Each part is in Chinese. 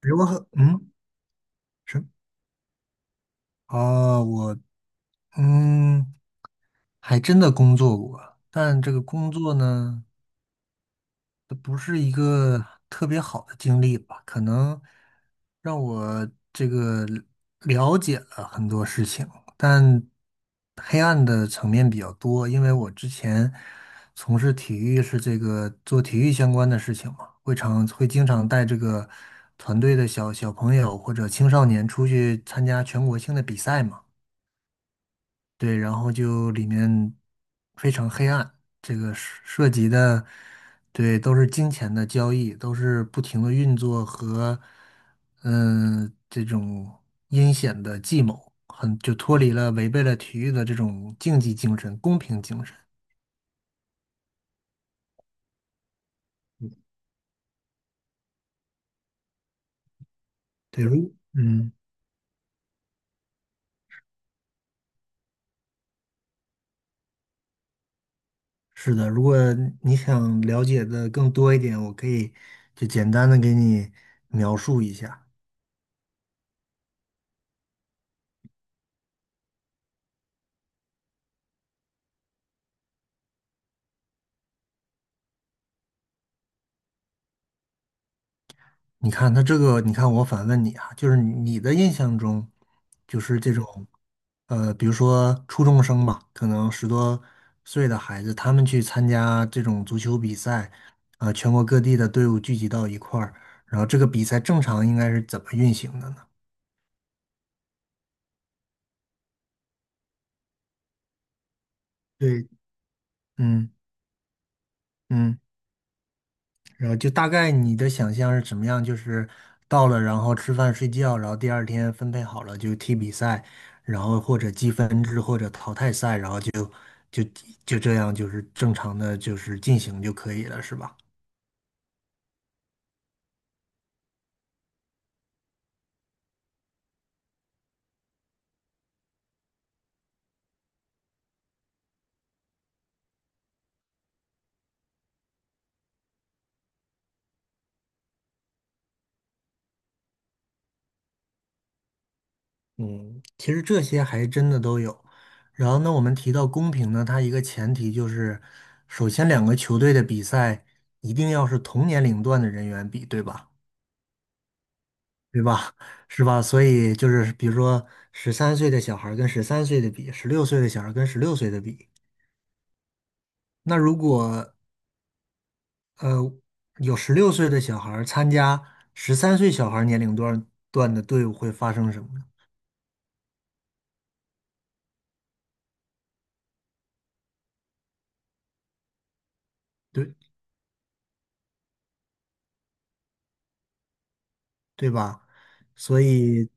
如何？嗯，是啊，我嗯，还真的工作过。但这个工作呢，它不是一个特别好的经历吧？可能让我这个了解了很多事情，但黑暗的层面比较多。因为我之前从事体育是这个做体育相关的事情嘛，会常会经常带这个团队的小朋友或者青少年出去参加全国性的比赛嘛。对，然后就里面非常黑暗，这个涉及的，对，都是金钱的交易，都是不停的运作和，这种阴险的计谋。脱离了违背了体育的这种竞技精神、公平精神。对，是的。如果你想了解的更多一点，我可以就简单的给你描述一下。你看他这个，你看我反问你啊，就是你的印象中，就是这种，比如说初中生吧，可能10多岁的孩子，他们去参加这种足球比赛，啊、全国各地的队伍聚集到一块儿，然后这个比赛正常应该是怎么运行的呢？对。嗯嗯。然后就大概你的想象是怎么样？就是到了，然后吃饭睡觉，然后第二天分配好了就踢比赛，然后或者积分制或者淘汰赛，然后就就这样就是正常的就是进行就可以了，是吧？嗯，其实这些还真的都有。然后呢，我们提到公平呢，它一个前提就是，首先两个球队的比赛一定要是同年龄段的人员比，对吧？对吧？是吧？所以就是，比如说十三岁的小孩儿跟十三岁的比，十六岁的小孩儿跟十六岁的比，那如果呃有十六岁的小孩儿参加十三岁小孩儿年龄段的队伍，会发生什么呢？对，对吧？所以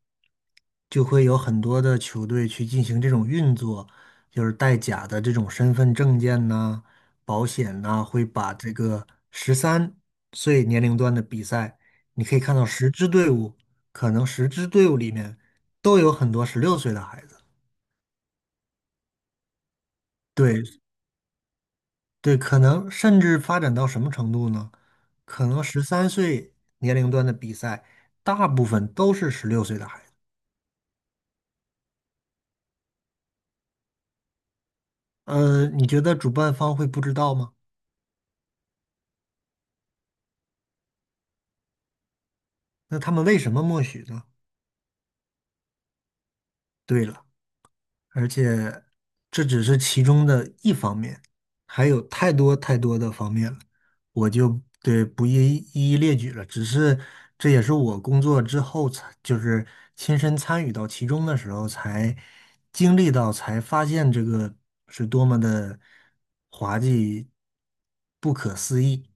就会有很多的球队去进行这种运作，就是带假的这种身份证件呐、保险呐、会把这个十三岁年龄段的比赛，你可以看到十支队伍，可能十支队伍里面都有很多十六岁的孩子。对对，可能甚至发展到什么程度呢？可能十三岁年龄段的比赛，大部分都是十六岁的孩子。你觉得主办方会不知道吗？那他们为什么默许呢？对了，而且这只是其中的一方面，还有太多太多的方面了。我就不一一列举了。只是这也是我工作之后才，就是亲身参与到其中的时候才经历到，才发现这个是多么的滑稽、不可思议。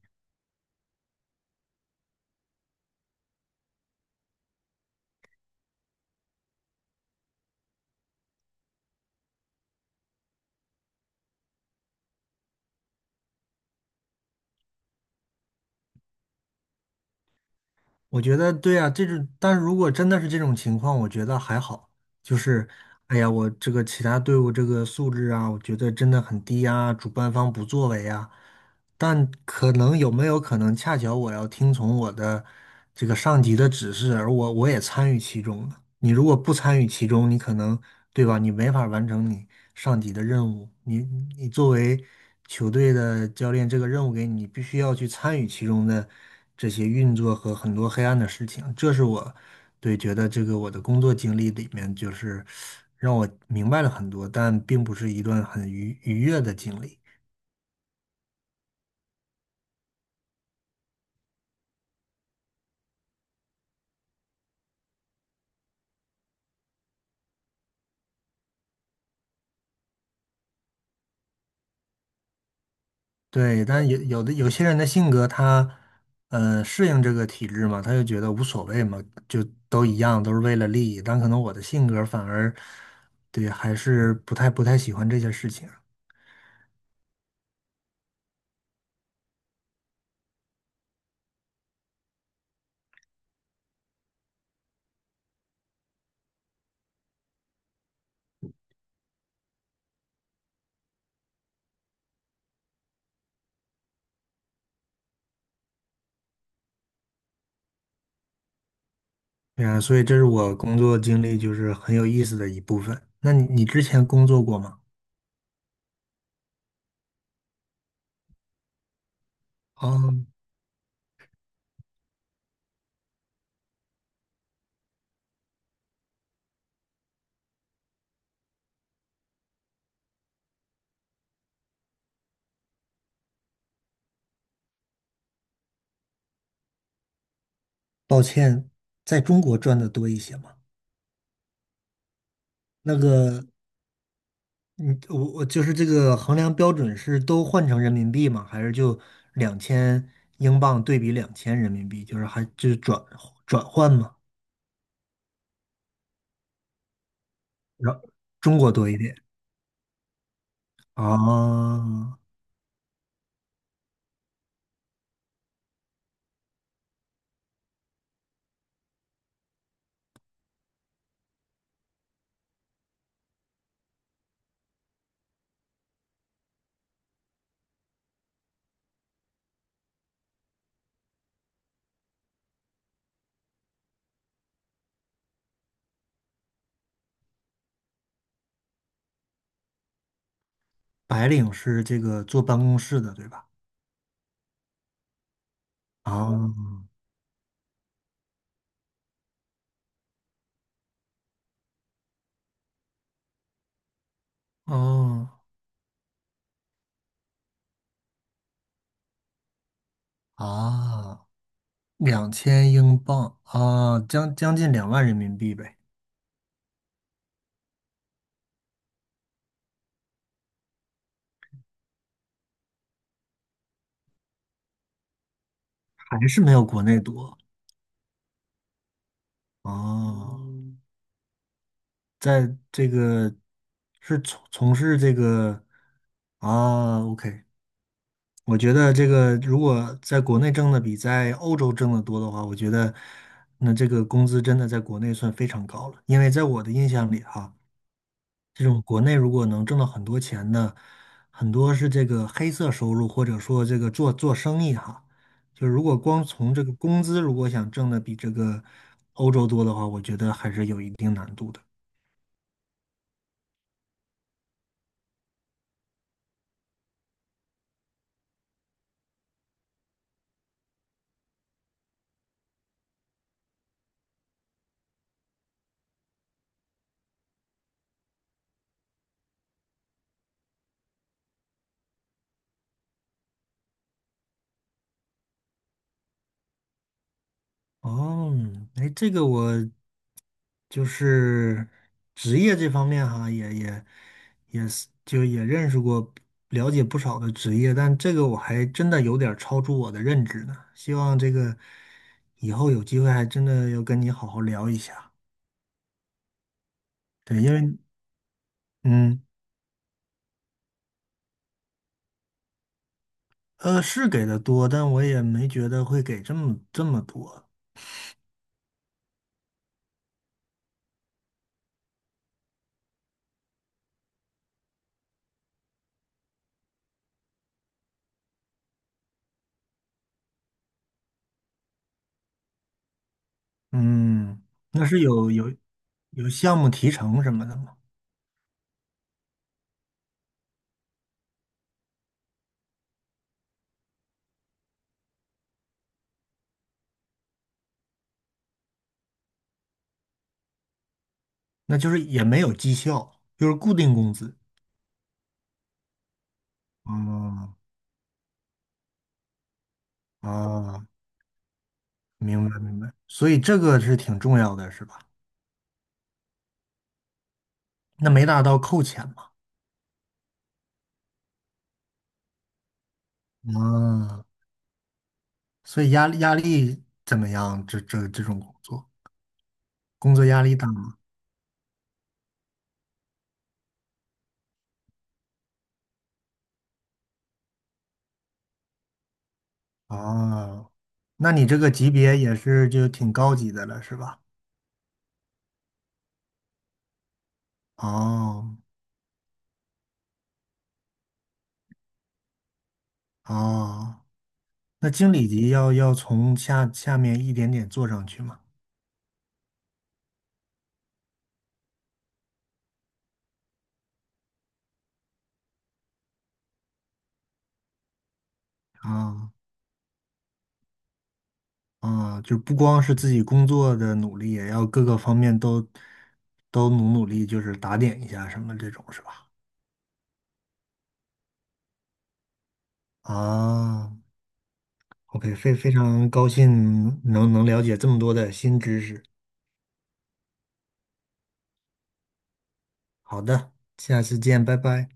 我觉得对啊，这种，但如果真的是这种情况，我觉得还好。就是，哎呀，我这个其他队伍这个素质啊，我觉得真的很低啊，主办方不作为啊。但可能有没有可能，恰巧我要听从我的这个上级的指示，而我也参与其中了。你如果不参与其中，你可能，对吧？你没法完成你上级的任务。你作为球队的教练，这个任务给你，你必须要去参与其中的这些运作和很多黑暗的事情。这是我对觉得这个我的工作经历里面，就是让我明白了很多，但并不是一段很愉悦的经历。对，但有些人的性格他，适应这个体制嘛，他就觉得无所谓嘛，就都一样，都是为了利益。但可能我的性格反而，对，还是不太喜欢这些事情。对啊，所以这是我工作经历就是很有意思的一部分。那你之前工作过吗？哦，抱歉。在中国赚的多一些嘛。那个嗯，我就是这个衡量标准是都换成人民币吗？还是就两千英镑对比2000人民币，就是还就是转换吗？然后中国多一点啊。白领是这个坐办公室的，对吧？啊哦啊，两千英镑啊，将近2万人民币呗，还是没有国内多啊。在这个是从事这个。啊，OK，我觉得这个如果在国内挣的比在欧洲挣的多的话，我觉得那这个工资真的在国内算非常高了。因为在我的印象里哈，这种国内如果能挣到很多钱的，很多是这个黑色收入，或者说这个做生意哈，就如果光从这个工资如果想挣的比这个欧洲多的话，我觉得还是有一定难度的。哦，哎，这个我就是职业这方面哈，也也也是就也认识过，了解不少的职业，但这个我还真的有点儿超出我的认知呢。希望这个以后有机会还真的要跟你好好聊一下。对，因为嗯是给的多，但我也没觉得会给这么多。嗯，那是有项目提成什么的吗？那就是也没有绩效，就是固定工资。哦啊，明白明白，所以这个是挺重要的，是吧？那没达到扣钱嘛？啊，所以压力怎么样？这种工作，工作压力大吗？啊，那你这个级别也是就挺高级的了，是吧？哦哦，那经理级要从下面一点点做上去嘛？啊。啊，就不光是自己工作的努力，也要各个方面都努力，就是打点一下什么这种是吧？啊，OK，非常高兴能了解这么多的新知识。好的，下次见，拜拜。